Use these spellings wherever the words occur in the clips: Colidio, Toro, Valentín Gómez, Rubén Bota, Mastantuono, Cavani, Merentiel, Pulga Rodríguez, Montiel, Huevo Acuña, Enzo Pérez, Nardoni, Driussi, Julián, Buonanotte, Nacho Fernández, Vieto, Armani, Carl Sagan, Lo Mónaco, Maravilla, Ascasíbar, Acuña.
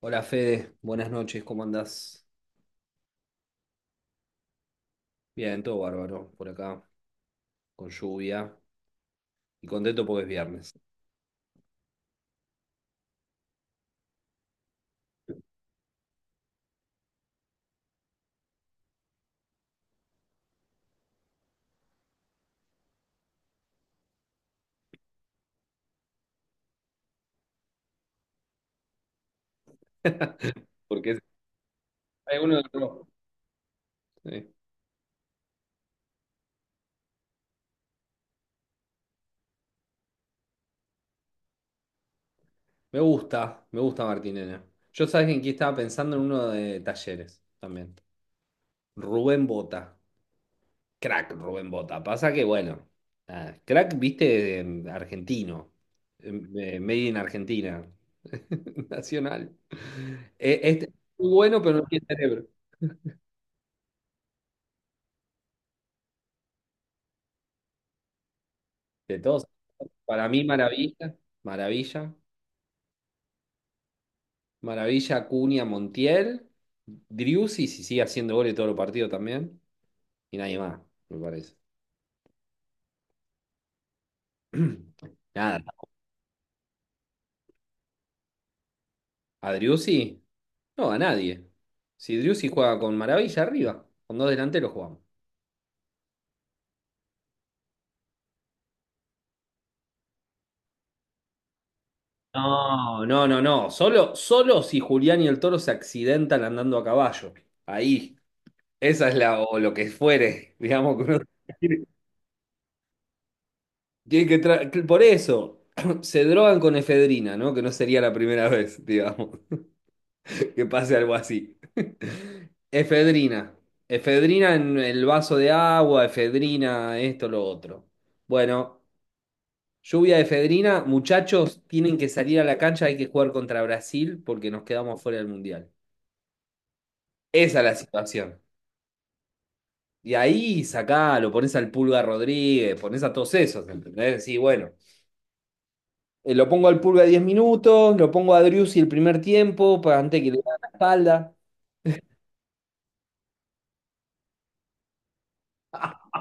Hola Fede, buenas noches, ¿cómo andás? Bien, todo bárbaro por acá, con lluvia y contento porque es viernes. Porque es Hay uno de los. Sí. Me gusta Martín. Yo sabes en quién estaba pensando, en uno de Talleres también. Rubén Bota, crack Rubén Bota. Pasa que bueno, nada, crack, viste, argentino, made in Argentina, nacional. Este es muy bueno, pero no tiene cerebro. De todos, para mí, Maravilla. Maravilla. Maravilla, Acuña, Montiel, Driussi, si sigue haciendo goles todos los partidos también, y nadie más, me parece. Nada, a Driussi, no, a nadie. Si Driussi juega con Maravilla arriba, con dos delanteros jugamos. No, no, no, no, solo, solo si Julián y el Toro se accidentan andando a caballo. Ahí, esa es la, o lo que fuere, digamos, que uno. Tienen que tra- que Por eso se drogan con efedrina, ¿no? Que no sería la primera vez, digamos, que pase algo así. Efedrina. Efedrina en el vaso de agua, efedrina, esto, lo otro. Bueno, lluvia de efedrina. Muchachos, tienen que salir a la cancha, hay que jugar contra Brasil porque nos quedamos fuera del Mundial. Esa es la situación. Y ahí sacalo, pones al Pulga Rodríguez, pones a todos esos, ¿entendés? Sí, bueno. Lo pongo al Pulga 10 minutos, lo pongo a Driussi el primer tiempo, para antes que le haga la espalda.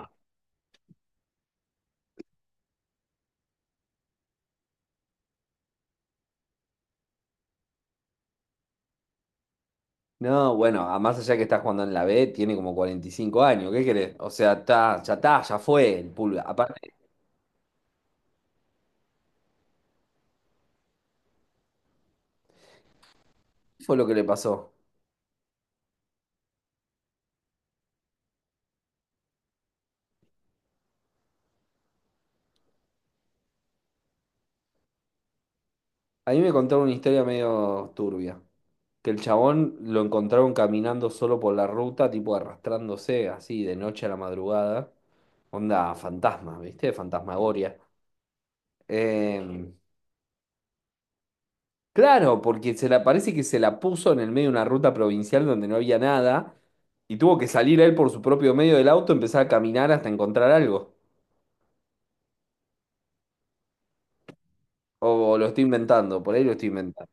No, bueno, más allá que está jugando en la B, tiene como 45 años, ¿qué querés? O sea, está, ya fue el Pulga. Aparte, ¿qué fue lo que le pasó? A mí me contaron una historia medio turbia, que el chabón lo encontraron caminando solo por la ruta, tipo arrastrándose así de noche a la madrugada. Onda fantasma, ¿viste? Fantasmagoria. Eh, Claro, porque se la, parece que se la puso en el medio de una ruta provincial donde no había nada y tuvo que salir él por su propio medio del auto, empezar a caminar hasta encontrar algo. O, lo estoy inventando, por ahí lo estoy inventando.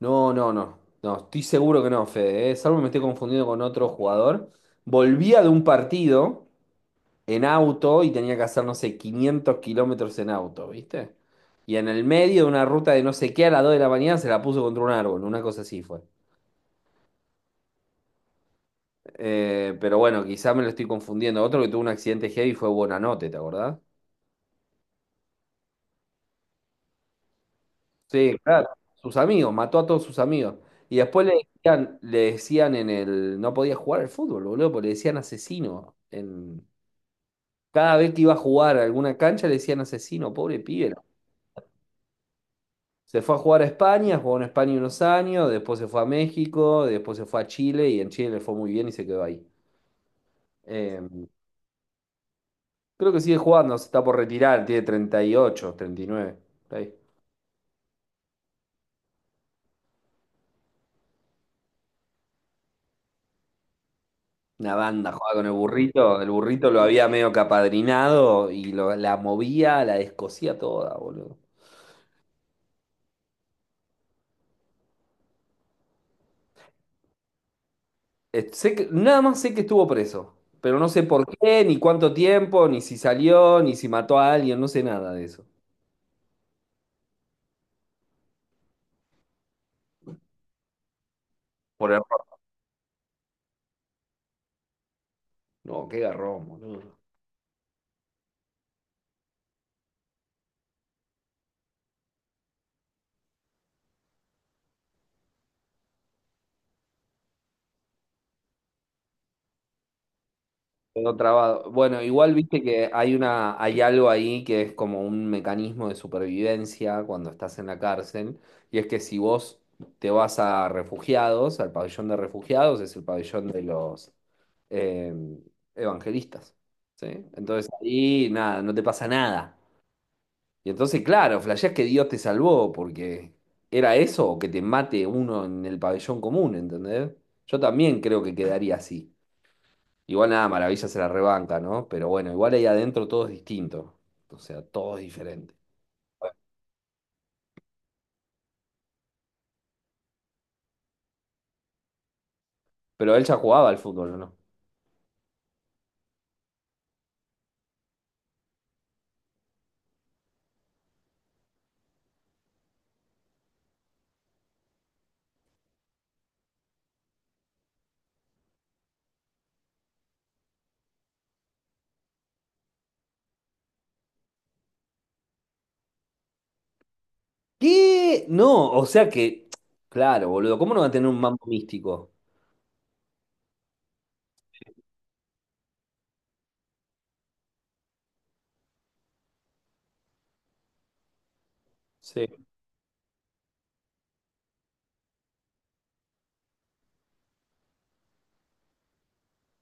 No, no, no, no, estoy seguro que no, Fede, ¿eh? Salvo me estoy confundiendo con otro jugador. Volvía de un partido en auto y tenía que hacer, no sé, 500 kilómetros en auto, ¿viste? Y en el medio de una ruta de no sé qué a las 2 de la mañana se la puso contra un árbol, una cosa así fue. Pero bueno, quizá me lo estoy confundiendo. Otro que tuvo un accidente heavy fue Buonanotte, ¿te acordás? Sí, claro. Sus amigos, mató a todos sus amigos. Y después le decían en el… No podía jugar al fútbol, boludo, porque le decían asesino. Cada vez que iba a jugar a alguna cancha le decían asesino, pobre pibe. Se fue a jugar a España, jugó en España unos años, después se fue a México, después se fue a Chile y en Chile le fue muy bien y se quedó ahí. Eh, Creo que sigue jugando, se está por retirar, tiene treinta, treinta y ocho, treinta y nueve. Una banda jugaba con el burrito lo había medio capadrinado y la movía, la descosía toda, boludo. Nada más sé que estuvo preso, pero no sé por qué, ni cuánto tiempo, ni si salió, ni si mató a alguien, no sé nada de eso. Por error. No, qué garrón, boludo. Quedó trabado. Bueno, igual viste que hay algo ahí que es como un mecanismo de supervivencia cuando estás en la cárcel, y es que si vos te vas a refugiados, al pabellón de refugiados, es el pabellón de los eh, evangelistas, ¿sí? Entonces ahí nada, no te pasa nada. Y entonces, claro, flasheás que Dios te salvó, porque era eso o que te mate uno en el pabellón común, ¿entendés? Yo también creo que quedaría así. Igual nada, Maravilla se la rebanca, ¿no? Pero bueno, igual ahí adentro todo es distinto. O sea, todo es diferente. Pero él ya jugaba al fútbol, ¿o no? ¿Qué? No, o sea que, claro, boludo, ¿cómo no va a tener un mambo místico? Sí,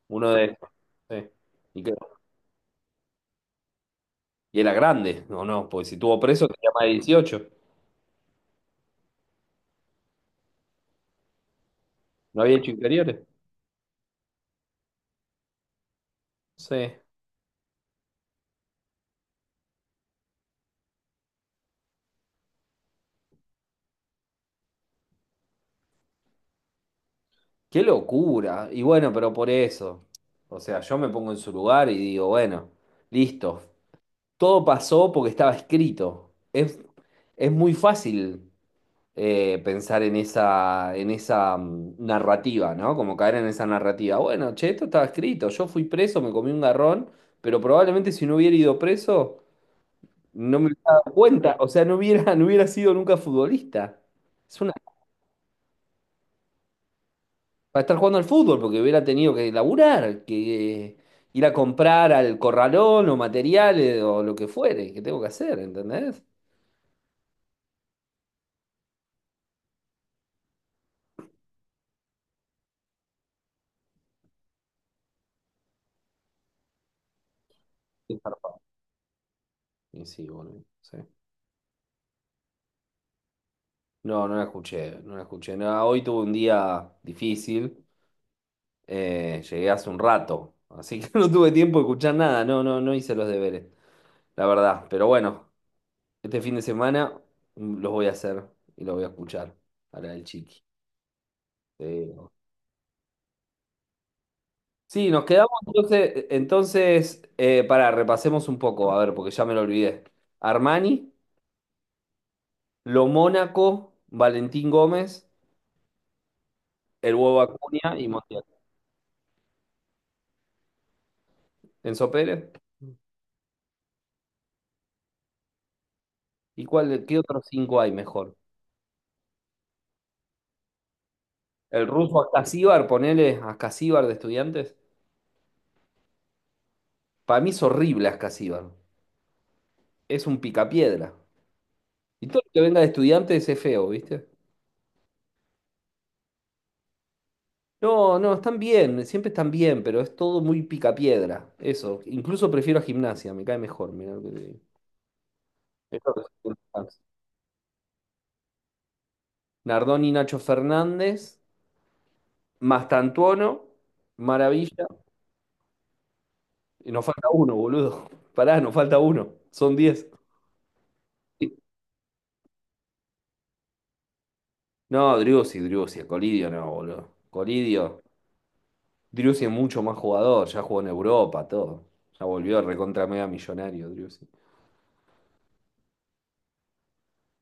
uno de estos, sí. ¿Y qué? Y era grande, no, no, porque si estuvo preso tenía más de 18. No había hecho inferiores. Sí. Qué locura. Y bueno, pero por eso. O sea, yo me pongo en su lugar y digo, bueno, listo. Todo pasó porque estaba escrito. Es muy fácil pensar en esa, en esa narrativa, ¿no? Como caer en esa narrativa. Bueno, che, esto estaba escrito. Yo fui preso, me comí un garrón, pero probablemente si no hubiera ido preso, no me hubiera dado cuenta. O sea, no hubiera, no hubiera sido nunca futbolista. Es una, para estar jugando al fútbol, porque hubiera tenido que laburar, que ir a comprar al corralón o materiales o lo que fuere, que tengo que hacer, ¿entendés? Y sí, boludo, sí. No, no la escuché, no la escuché. No, hoy tuve un día difícil. Llegué hace un rato, así que no tuve tiempo de escuchar nada. No, no, no hice los deberes, la verdad. Pero bueno, este fin de semana, los voy a hacer y los voy a escuchar para el chiqui. Sí. Sí, nos quedamos entonces, pará, repasemos un poco, a ver, porque ya me lo olvidé. Armani, Lo Mónaco, Valentín Gómez, el Huevo Acuña y Montiel. Enzo Pérez. ¿Y cuál, qué otros cinco hay mejor? El ruso Ascasíbar, ponele Ascasíbar de Estudiantes. Para mí es horrible Ascasíbar. Es un picapiedra. Y todo lo que venga de Estudiantes es feo, ¿viste? No, no, están bien, siempre están bien, pero es todo muy picapiedra. Eso. Incluso prefiero a Gimnasia, me cae mejor, mirá lo que te digo. Gimnasia. Nardoni, Nacho Fernández, Mastantuono, Maravilla. Y nos falta uno, boludo. Pará, nos falta uno. Son 10. No, Driussi, Driussi, a Colidio no, boludo. Colidio, Driussi es mucho más jugador, ya jugó en Europa, todo. Ya volvió recontra mega millonario, Driussi.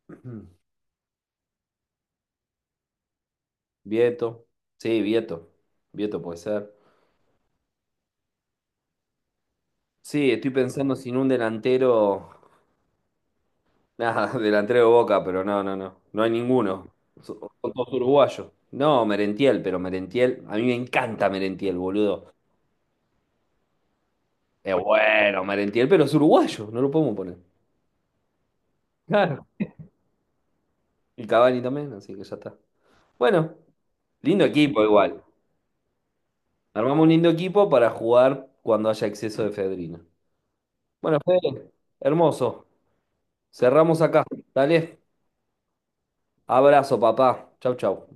Mm. Vieto, sí, Vieto. Vieto puede ser. Sí, estoy pensando sin un delantero. Nada, delantero de Boca, pero no, no, no. No hay ninguno. Son todos uruguayos. No, Merentiel, pero Merentiel. A mí me encanta Merentiel, boludo. Es bueno, Merentiel, pero es uruguayo, no lo podemos poner. Claro. Y Cavani también, así que ya está. Bueno. Lindo equipo igual. Armamos un lindo equipo para jugar cuando haya exceso de efedrina. Bueno, Fede, hermoso. Cerramos acá. Dale. Abrazo, papá. Chau, chau.